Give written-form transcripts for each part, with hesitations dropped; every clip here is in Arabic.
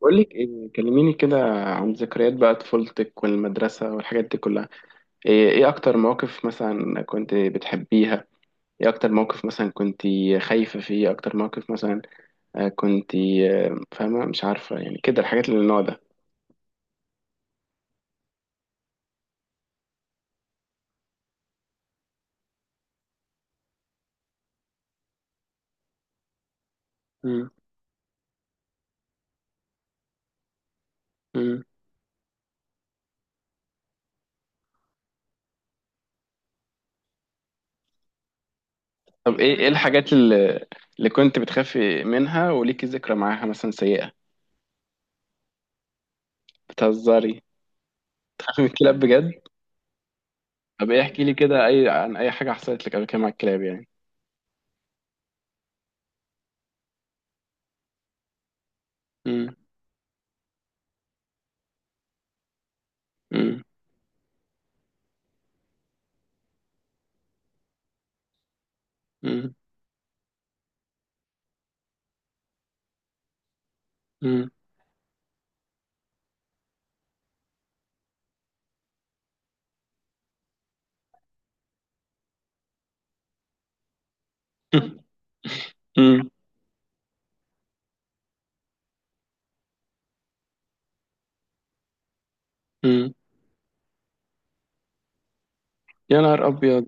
بقول لك ايه، كلميني كده عن ذكريات بقى طفولتك والمدرسة والحاجات دي كلها. إيه اكتر مواقف مثلا كنت بتحبيها؟ ايه اكتر موقف مثلا كنت خايفة فيه؟ إيه اكتر موقف مثلا كنت فاهمة، مش عارفة يعني كده الحاجات اللي من النوع ده. مم. مم. طب ايه الحاجات اللي كنت بتخافي منها وليكي ذكرى معاها مثلا سيئة؟ بتهزري؟ بتخافي من الكلاب بجد؟ طب ايه، احكي لي كده عن اي حاجة حصلت لك قبل كده مع الكلاب يعني. مم. مم. مم. مم. امم. امم. يا نهار ابيض.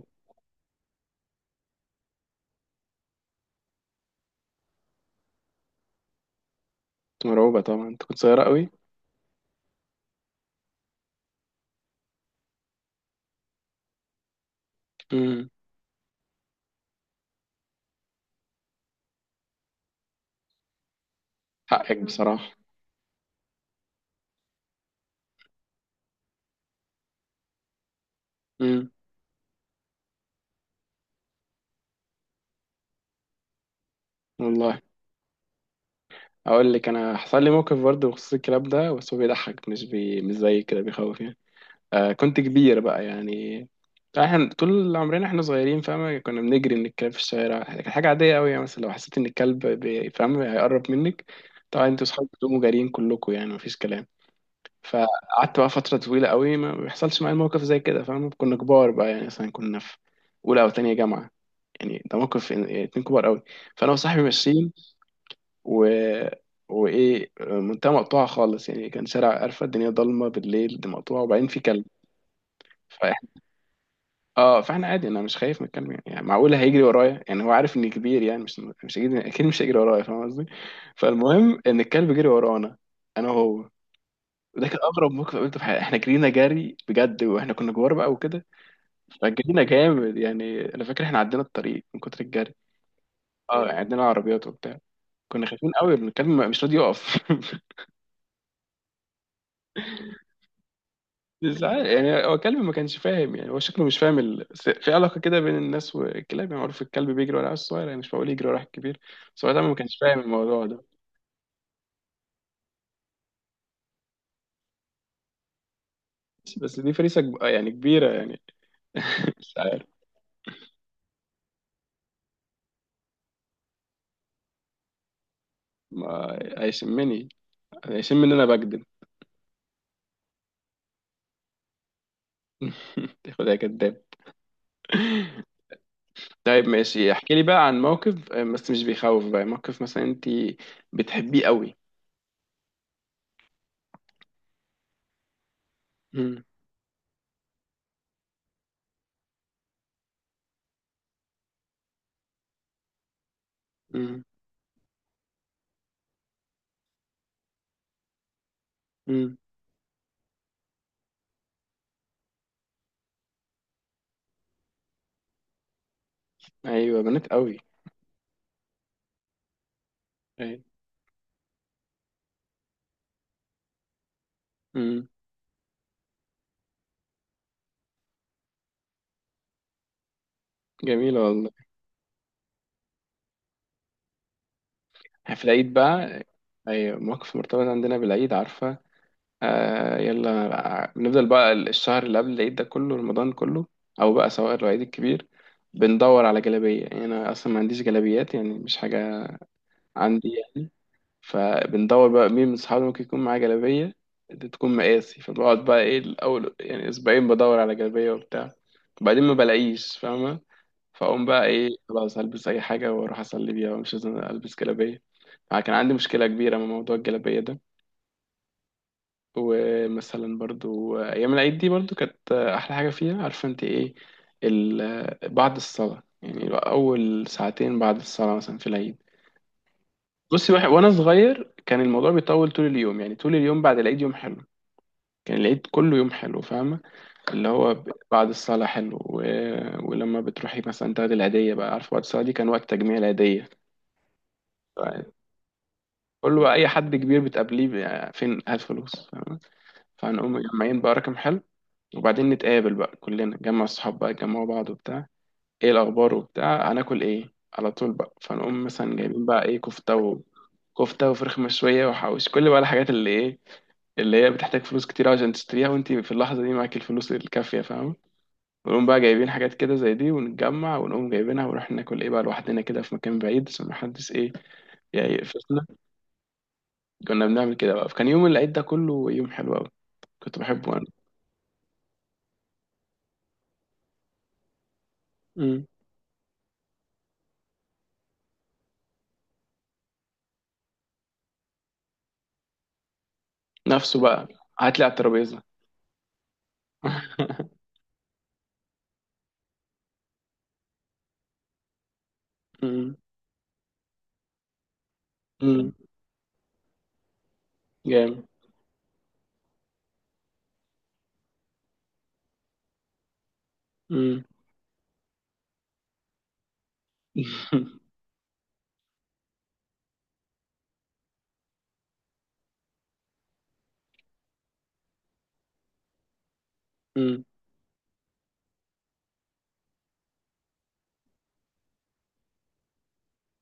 مرعوبه طبعا، انت كنت صغيره قوي. امم. حقك بصراحه. امم. والله. اقول لك، انا حصل لي موقف برضه بخصوص الكلام ده، بس هو بيضحك مش زي كده بيخوف يعني. آه، كنت كبير بقى يعني. احنا طول عمرنا احنا صغيرين، فاهمة، كنا بنجري من الكلاب في الشارع، كانت حاجة عادية قوي يعني. مثلا لو حسيت ان الكلب فاهم هيقرب منك، طبعا انتوا صحابك بتقوموا جاريين كلكم، يعني مفيش كلام. فقعدت بقى فترة طويلة قوي ما بيحصلش معايا موقف زي كده، فاهم؟ كنا كبار بقى يعني، مثلا كنا في أولى أو تانية جامعة، يعني ده موقف اتنين كبار قوي. فأنا وصاحبي ماشيين و... وإيه، منتهى مقطوعة خالص يعني، كان شارع قرفة، الدنيا ضلمة بالليل، دي مقطوعة، وبعدين في كلب. فإحنا، اه فاحنا عادي، انا مش خايف من الكلب يعني, يعني معقول هيجري ورايا؟ يعني هو عارف اني كبير يعني، مش هيجري اكيد، مش هيجري ورايا، فاهم قصدي؟ فالمهم ان الكلب جري ورانا، انا وهو. ده كان اغرب موقف قابلته في حياتي. احنا جرينا جري بجد واحنا كنا كبار بقى وكده. فجرينا جامد يعني، انا فاكر احنا عدينا الطريق من كتر الجري. اه، عدينا عربيات وبتاع. كنا خايفين قوي، من الكلب مش راضي يقف. مش عارف، يعني هو الكلب ما كانش فاهم يعني، هو شكله مش فاهم في علاقه كده بين الناس والكلاب يعني. معروف الكلب بيجري ورا الصغير يعني، مش بقول يجري ورا الكبير. بس هو ده ما كانش فاهم الموضوع ده. بس دي فريسه يعني كبيره يعني. مش عارف. ما هيشمني، هيشم ان انا بكذب. خدها كداب. طيب ماشي، احكي لي بقى عن موقف، بس مش بيخوف بقى، موقف مثلا انت بتحبيه قوي. مم. مم. مم. ايوه، بنات قوي. ايوه. مم. جميل والله. في العيد بقى. ايوه، موقف مرتبط عندنا بالعيد، عارفه؟ آه، يلا بقى. بنفضل بقى الشهر اللي قبل العيد ده كله، رمضان كله، او بقى سواء العيد الكبير، بندور على جلابيه، يعني انا اصلا ما عنديش جلابيات، يعني مش حاجه عندي يعني. فبندور بقى مين من صحابي ممكن يكون معاه جلابية تكون مقاسي. فبقعد بقى ايه، الأول يعني أسبوعين بدور على جلابية وبتاع، وبعدين ما بلاقيش، فاهمة؟ فأقوم بقى ايه، خلاص هلبس أي حاجة وأروح أصلي بيها، مش لازم ألبس جلابية. فكان عندي مشكلة كبيرة من موضوع الجلابية ده. ومثلا برضو أيام العيد دي برضو كانت أحلى حاجة فيها، عارفة أنت ايه؟ بعد الصلاة يعني، أول ساعتين بعد الصلاة مثلا في العيد. بصي، واحد وانا صغير كان الموضوع بيطول طول اليوم، يعني طول اليوم بعد العيد يوم حلو. كان العيد كله يوم حلو، فاهمه؟ اللي هو بعد الصلاه حلو و... ولما بتروحي مثلا تاخدي العيديه بقى، عارفه، وقت الصلاه دي كان وقت تجميع العيديه. كله بقى، اي حد كبير بتقابليه بقى، فين هات فلوس، فاهمه؟ فهنقوم مجمعين بقى رقم حلو. وبعدين نتقابل بقى كلنا، نجمع الصحاب بقى، يجمعوا بعض وبتاع، ايه الاخبار وبتاع، هناكل ايه على طول بقى. فنقوم مثلا جايبين بقى ايه، كفته و... كفته وفراخ مشويه وحوش، كل بقى الحاجات اللي ايه، اللي هي بتحتاج فلوس كتير عشان تشتريها، وانت في اللحظه دي معاك الفلوس الكافيه، فاهم؟ ونقوم بقى جايبين حاجات كده زي دي، ونتجمع، ونقوم جايبينها، ونروح ناكل ايه بقى لوحدنا كده في مكان بعيد عشان محدش ايه، يعني يقفشنا. كنا بنعمل كده بقى. فكان يوم العيد ده كله يوم حلو قوي، كنت بحبه انا. مم. نفسه بقى. هات لي على الترابيزه. مم. مم. جامد. مم.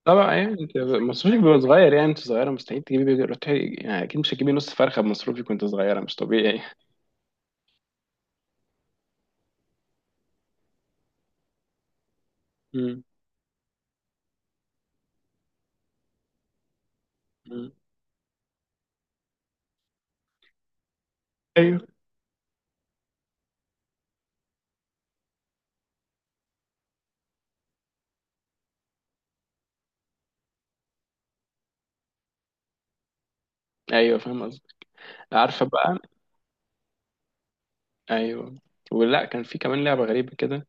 طبعا يعني، انت مصروفك بيبقى صغير يعني، انت صغيره مستحيل تجيبي بيجي روحي يعني، اكيد مش هتجيبي نص فرخه بمصروفك وانت صغيره، مش طبيعي. مم. مم. ايوه. ايوه فاهم قصدي. عارفه بقى. ايوه. ولا كان في كمان لعبه غريبه كده،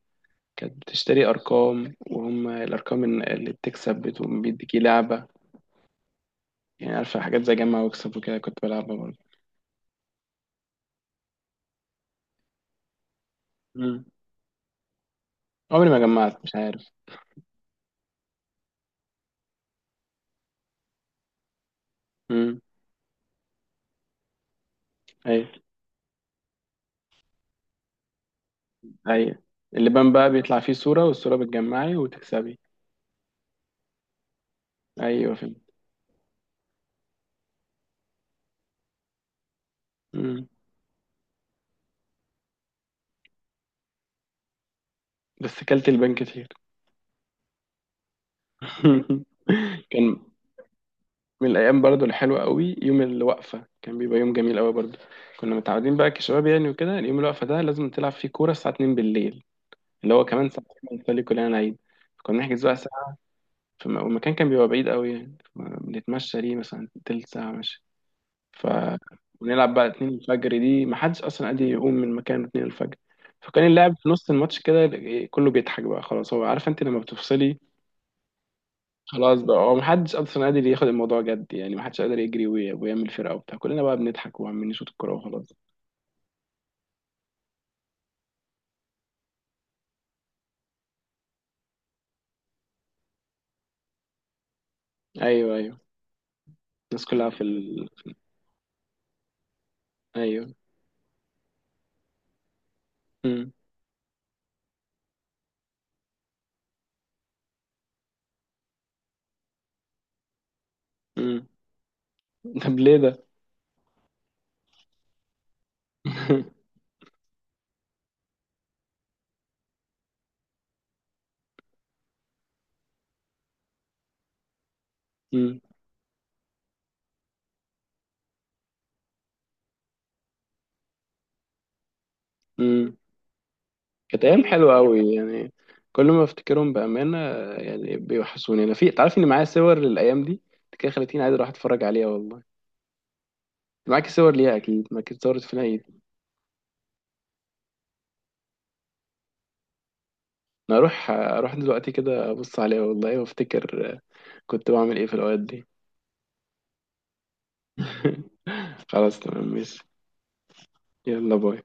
كانت بتشتري ارقام وهم الارقام اللي بتكسب بتقوم بيديكي لعبه. يعني عارفه، حاجات زي جمع واكسب وكده، كنت بلعبها برضه. مم. عمري ما جمعت، مش عارف. مم. ايوه. ايوه. اللبان بقى بيطلع فيه صوره، والصوره بتجمعي وتكسبي. ايوه فهمت. مم. بس كلت البان كتير. كان من الايام برضو الحلوه قوي، يوم الوقفه كان بيبقى يوم جميل قوي برضو. كنا متعودين بقى كشباب يعني وكده، اليوم الوقفه ده لازم تلعب فيه كوره الساعه 2 بالليل، اللي هو كمان ساعتين بنصلي كلنا العيد. كنا نحجز بقى ساعه في والمكان كان بيبقى بعيد قوي يعني، بنتمشى ليه مثلا تلت ساعه ماشي. ف ونلعب بقى 2 الفجر، دي ما حدش اصلا قادر يقوم من مكانه 2 الفجر. فكان اللاعب في نص الماتش كده كله بيضحك بقى، خلاص هو عارف، انت لما بتفصلي خلاص بقى، هو محدش اصلا قادر ياخد الموضوع جد يعني، محدش قادر يجري ويعمل فرقه وبتاع، كلنا بقى بنضحك وعمالين نشوط الكوره وخلاص. ايوه. ايوه. الناس كلها ايوه. امم. امم. طب ليه ده؟ امم. امم. كانت ايام حلوه قوي يعني. كل ما افتكرهم بامانه، يعني بيوحشوني. انا، في تعرف ان معايا صور للايام دي؟ كده خلتيني عايز اروح اتفرج عليها والله. معاك صور ليها؟ اكيد معاك صور، في ايه؟ انا اروح دلوقتي كده ابص عليها والله، وافتكر كنت بعمل ايه في الاوقات دي. خلاص تمام ماشي. يلا باي.